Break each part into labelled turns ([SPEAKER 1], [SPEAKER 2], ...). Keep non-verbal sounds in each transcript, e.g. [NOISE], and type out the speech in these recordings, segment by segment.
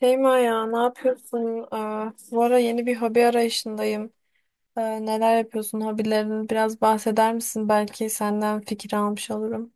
[SPEAKER 1] Şeyma ya ne yapıyorsun? Aa, bu ara yeni bir hobi arayışındayım. Neler yapıyorsun? Hobilerini biraz bahseder misin? Belki senden fikir almış olurum.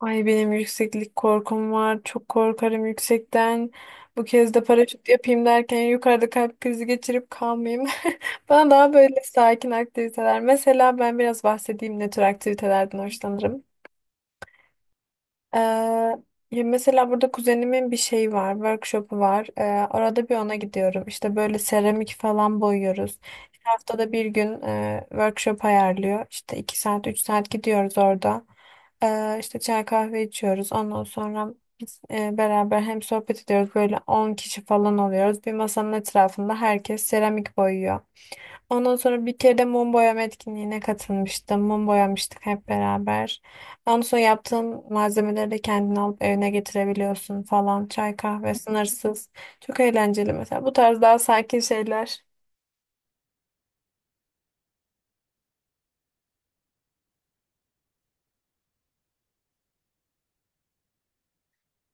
[SPEAKER 1] Ay benim yükseklik korkum var. Çok korkarım yüksekten. Bu kez de paraşüt yapayım derken yukarıda kalp krizi geçirip kalmayayım. [LAUGHS] Bana daha böyle sakin aktiviteler. Mesela ben biraz bahsedeyim ne tür aktivitelerden hoşlanırım. Ee, ya mesela burada kuzenimin bir şeyi var, workshop'u var. Orada bir ona gidiyorum. İşte böyle seramik falan boyuyoruz. İşte haftada bir gün workshop ayarlıyor. İşte 2 saat, 3 saat gidiyoruz orada. İşte çay kahve içiyoruz. Ondan sonra biz beraber hem sohbet ediyoruz. Böyle 10 kişi falan oluyoruz. Bir masanın etrafında herkes seramik boyuyor. Ondan sonra bir kere de mum boyama etkinliğine katılmıştım. Mum boyamıştık hep beraber. Ondan sonra yaptığın malzemeleri de kendin alıp evine getirebiliyorsun falan. Çay kahve sınırsız. Çok eğlenceli mesela. Bu tarz daha sakin şeyler.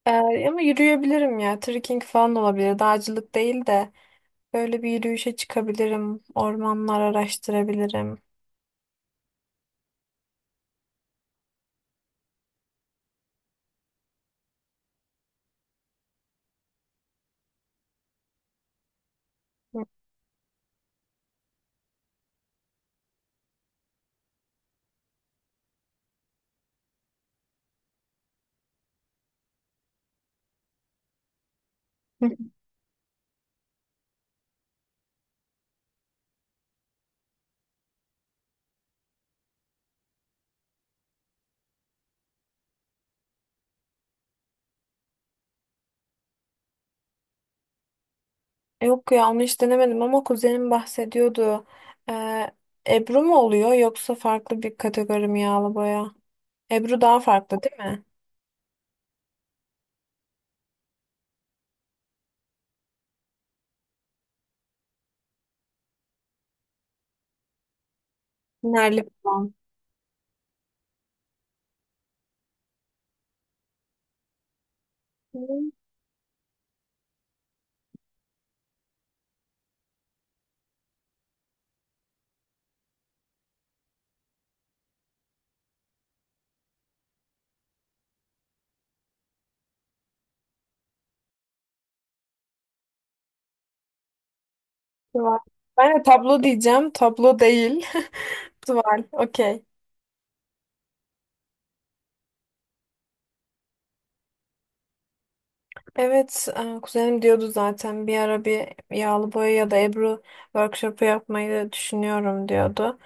[SPEAKER 1] Ee, ama yürüyebilirim ya. Trekking falan olabilir. Dağcılık değil de böyle bir yürüyüşe çıkabilirim. Ormanlar araştırabilirim. Yok ya onu hiç denemedim ama kuzenim bahsediyordu. Ee, Ebru mu oluyor yoksa farklı bir kategori mi yağlı boya? Ebru daha farklı değil mi? Nerli falan. Hı, tuval. Ben de tablo diyeceğim. Tablo değil. [LAUGHS] Tuval. Okey. Evet, kuzenim diyordu zaten bir ara bir yağlı boya ya da Ebru workshopu yapmayı düşünüyorum diyordu.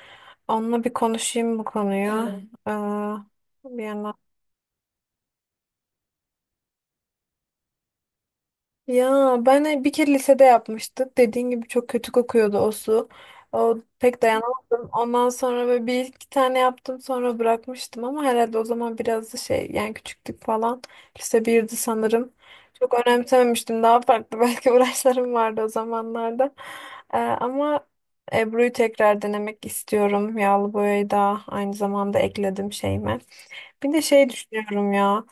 [SPEAKER 1] Onunla bir konuşayım bu konuyu. Hı. Bir yandan ya ben bir kere lisede yapmıştık. Dediğin gibi çok kötü kokuyordu o su. O pek dayanamadım. Ondan sonra böyle bir iki tane yaptım sonra bırakmıştım ama herhalde o zaman biraz da şey yani küçüktük falan. Lise birdi sanırım. Çok önemsememiştim. Daha farklı [LAUGHS] belki uğraşlarım vardı o zamanlarda. Ama Ebru'yu tekrar denemek istiyorum. Yağlı boyayı da aynı zamanda ekledim şeyime. Bir de şey düşünüyorum ya.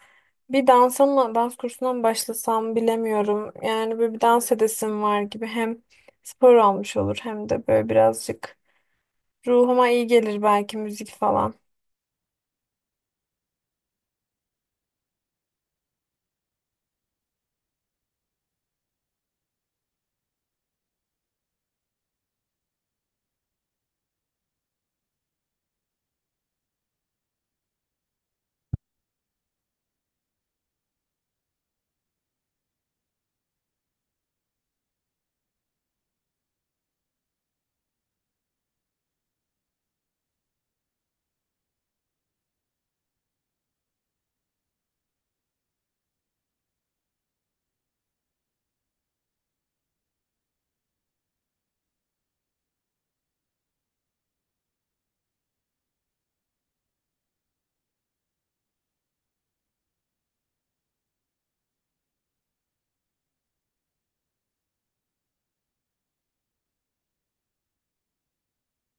[SPEAKER 1] Bir dansa mı, dans kursuna mı başlasam bilemiyorum. Yani böyle bir dans edesim var gibi. Hem spor olmuş olur hem de böyle birazcık ruhuma iyi gelir belki müzik falan.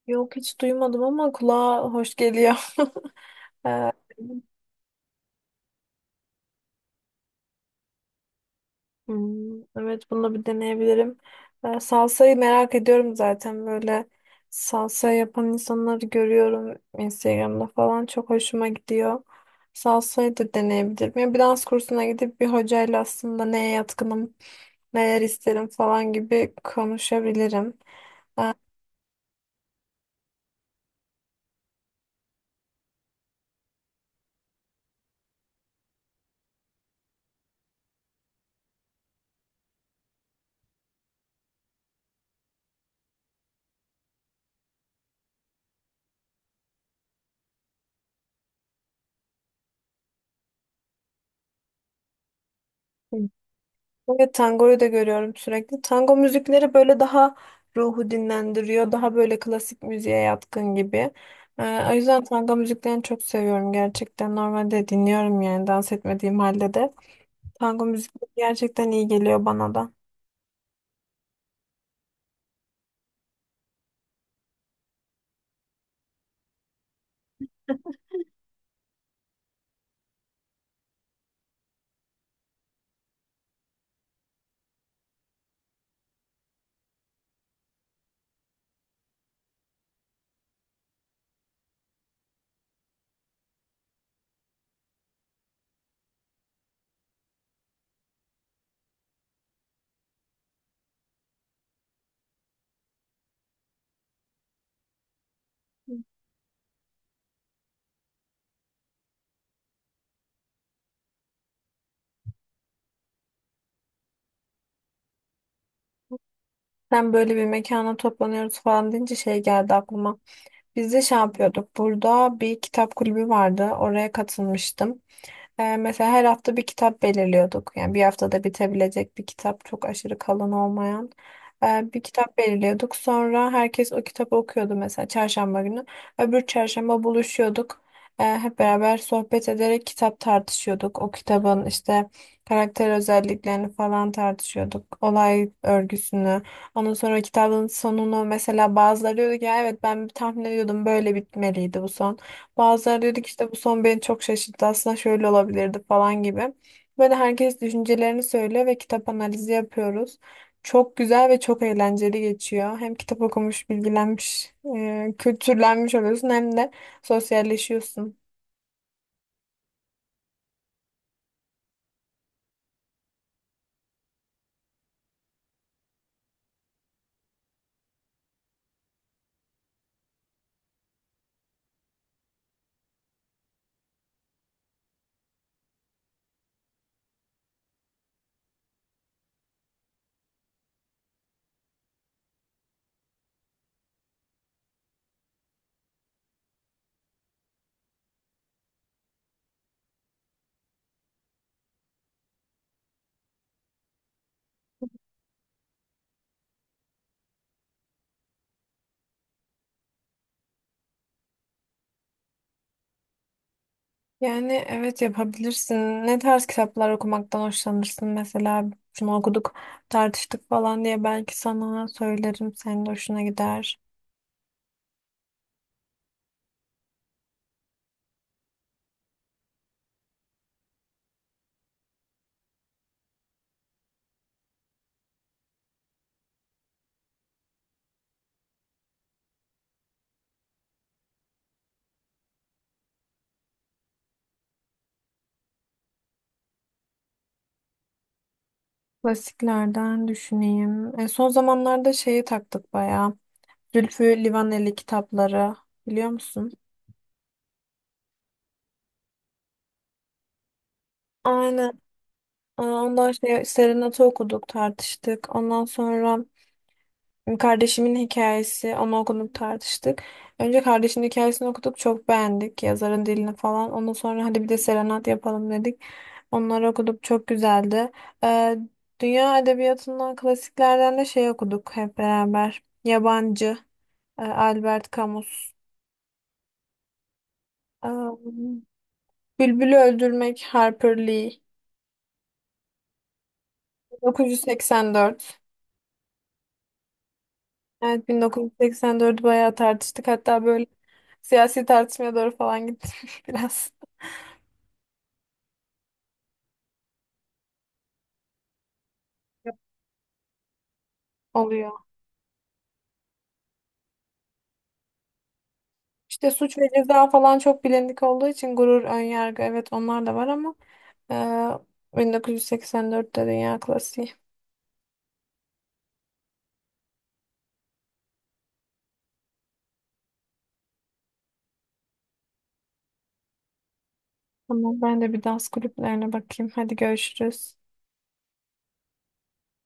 [SPEAKER 1] Yok hiç duymadım ama kulağa hoş geliyor. [LAUGHS] Ee, Hmm, evet bunu bir deneyebilirim. Salsayı merak ediyorum zaten böyle salsa yapan insanları görüyorum Instagram'da falan çok hoşuma gidiyor. Salsayı da deneyebilirim. Yani bir dans kursuna gidip bir hocayla aslında neye yatkınım, neler isterim falan gibi konuşabilirim. Evet tangoyu da görüyorum sürekli. Tango müzikleri böyle daha ruhu dinlendiriyor. Daha böyle klasik müziğe yatkın gibi. O yüzden tango müziklerini çok seviyorum gerçekten. Normalde dinliyorum yani dans etmediğim halde de. Tango müzik gerçekten iyi geliyor bana da. Hı. Sen böyle bir mekana toplanıyoruz falan deyince şey geldi aklıma. Biz de şey yapıyorduk. Burada bir kitap kulübü vardı. Oraya katılmıştım. Mesela her hafta bir kitap belirliyorduk. Yani bir haftada bitebilecek bir kitap, çok aşırı kalın olmayan. Bir kitap belirliyorduk. Sonra herkes o kitabı okuyordu mesela çarşamba günü. Öbür çarşamba buluşuyorduk. Hep beraber sohbet ederek kitap tartışıyorduk. O kitabın işte karakter özelliklerini falan tartışıyorduk. Olay örgüsünü. Ondan sonra kitabın sonunu mesela bazıları diyordu ki "Ya evet ben tahmin ediyordum böyle bitmeliydi bu son." Bazıları dedik işte bu son beni çok şaşırttı aslında şöyle olabilirdi falan gibi. Böyle herkes düşüncelerini söylüyor ve kitap analizi yapıyoruz. Çok güzel ve çok eğlenceli geçiyor. Hem kitap okumuş, bilgilenmiş, kültürlenmiş oluyorsun hem de sosyalleşiyorsun. Yani evet yapabilirsin. Ne tarz kitaplar okumaktan hoşlanırsın? Mesela şunu okuduk, tartıştık falan diye belki sana söylerim. Senin de hoşuna gider. Klasiklerden düşüneyim. Son zamanlarda şeyi taktık bayağı. Zülfü Livaneli kitapları biliyor musun? Aynen. Aa, ondan şey Serenat'ı okuduk, tartıştık. Ondan sonra kardeşimin hikayesi, onu okuduk, tartıştık. Önce kardeşimin hikayesini okuduk, çok beğendik yazarın dilini falan. Ondan sonra hadi bir de Serenat yapalım dedik. Onları okuduk, çok güzeldi. Ee, dünya edebiyatından, klasiklerden de şey okuduk hep beraber. Yabancı, Albert Camus. Ee, Bülbül'ü Öldürmek, Harper Lee. 1984. Evet 1984'ü bayağı tartıştık. Hatta böyle siyasi tartışmaya doğru falan gittim [LAUGHS] biraz. Oluyor. İşte suç ve ceza falan çok bilindik olduğu için gurur, önyargı evet onlar da var ama 1984'te dünya klasiği. Tamam ben de bir dans kulüplerine bakayım. Hadi görüşürüz.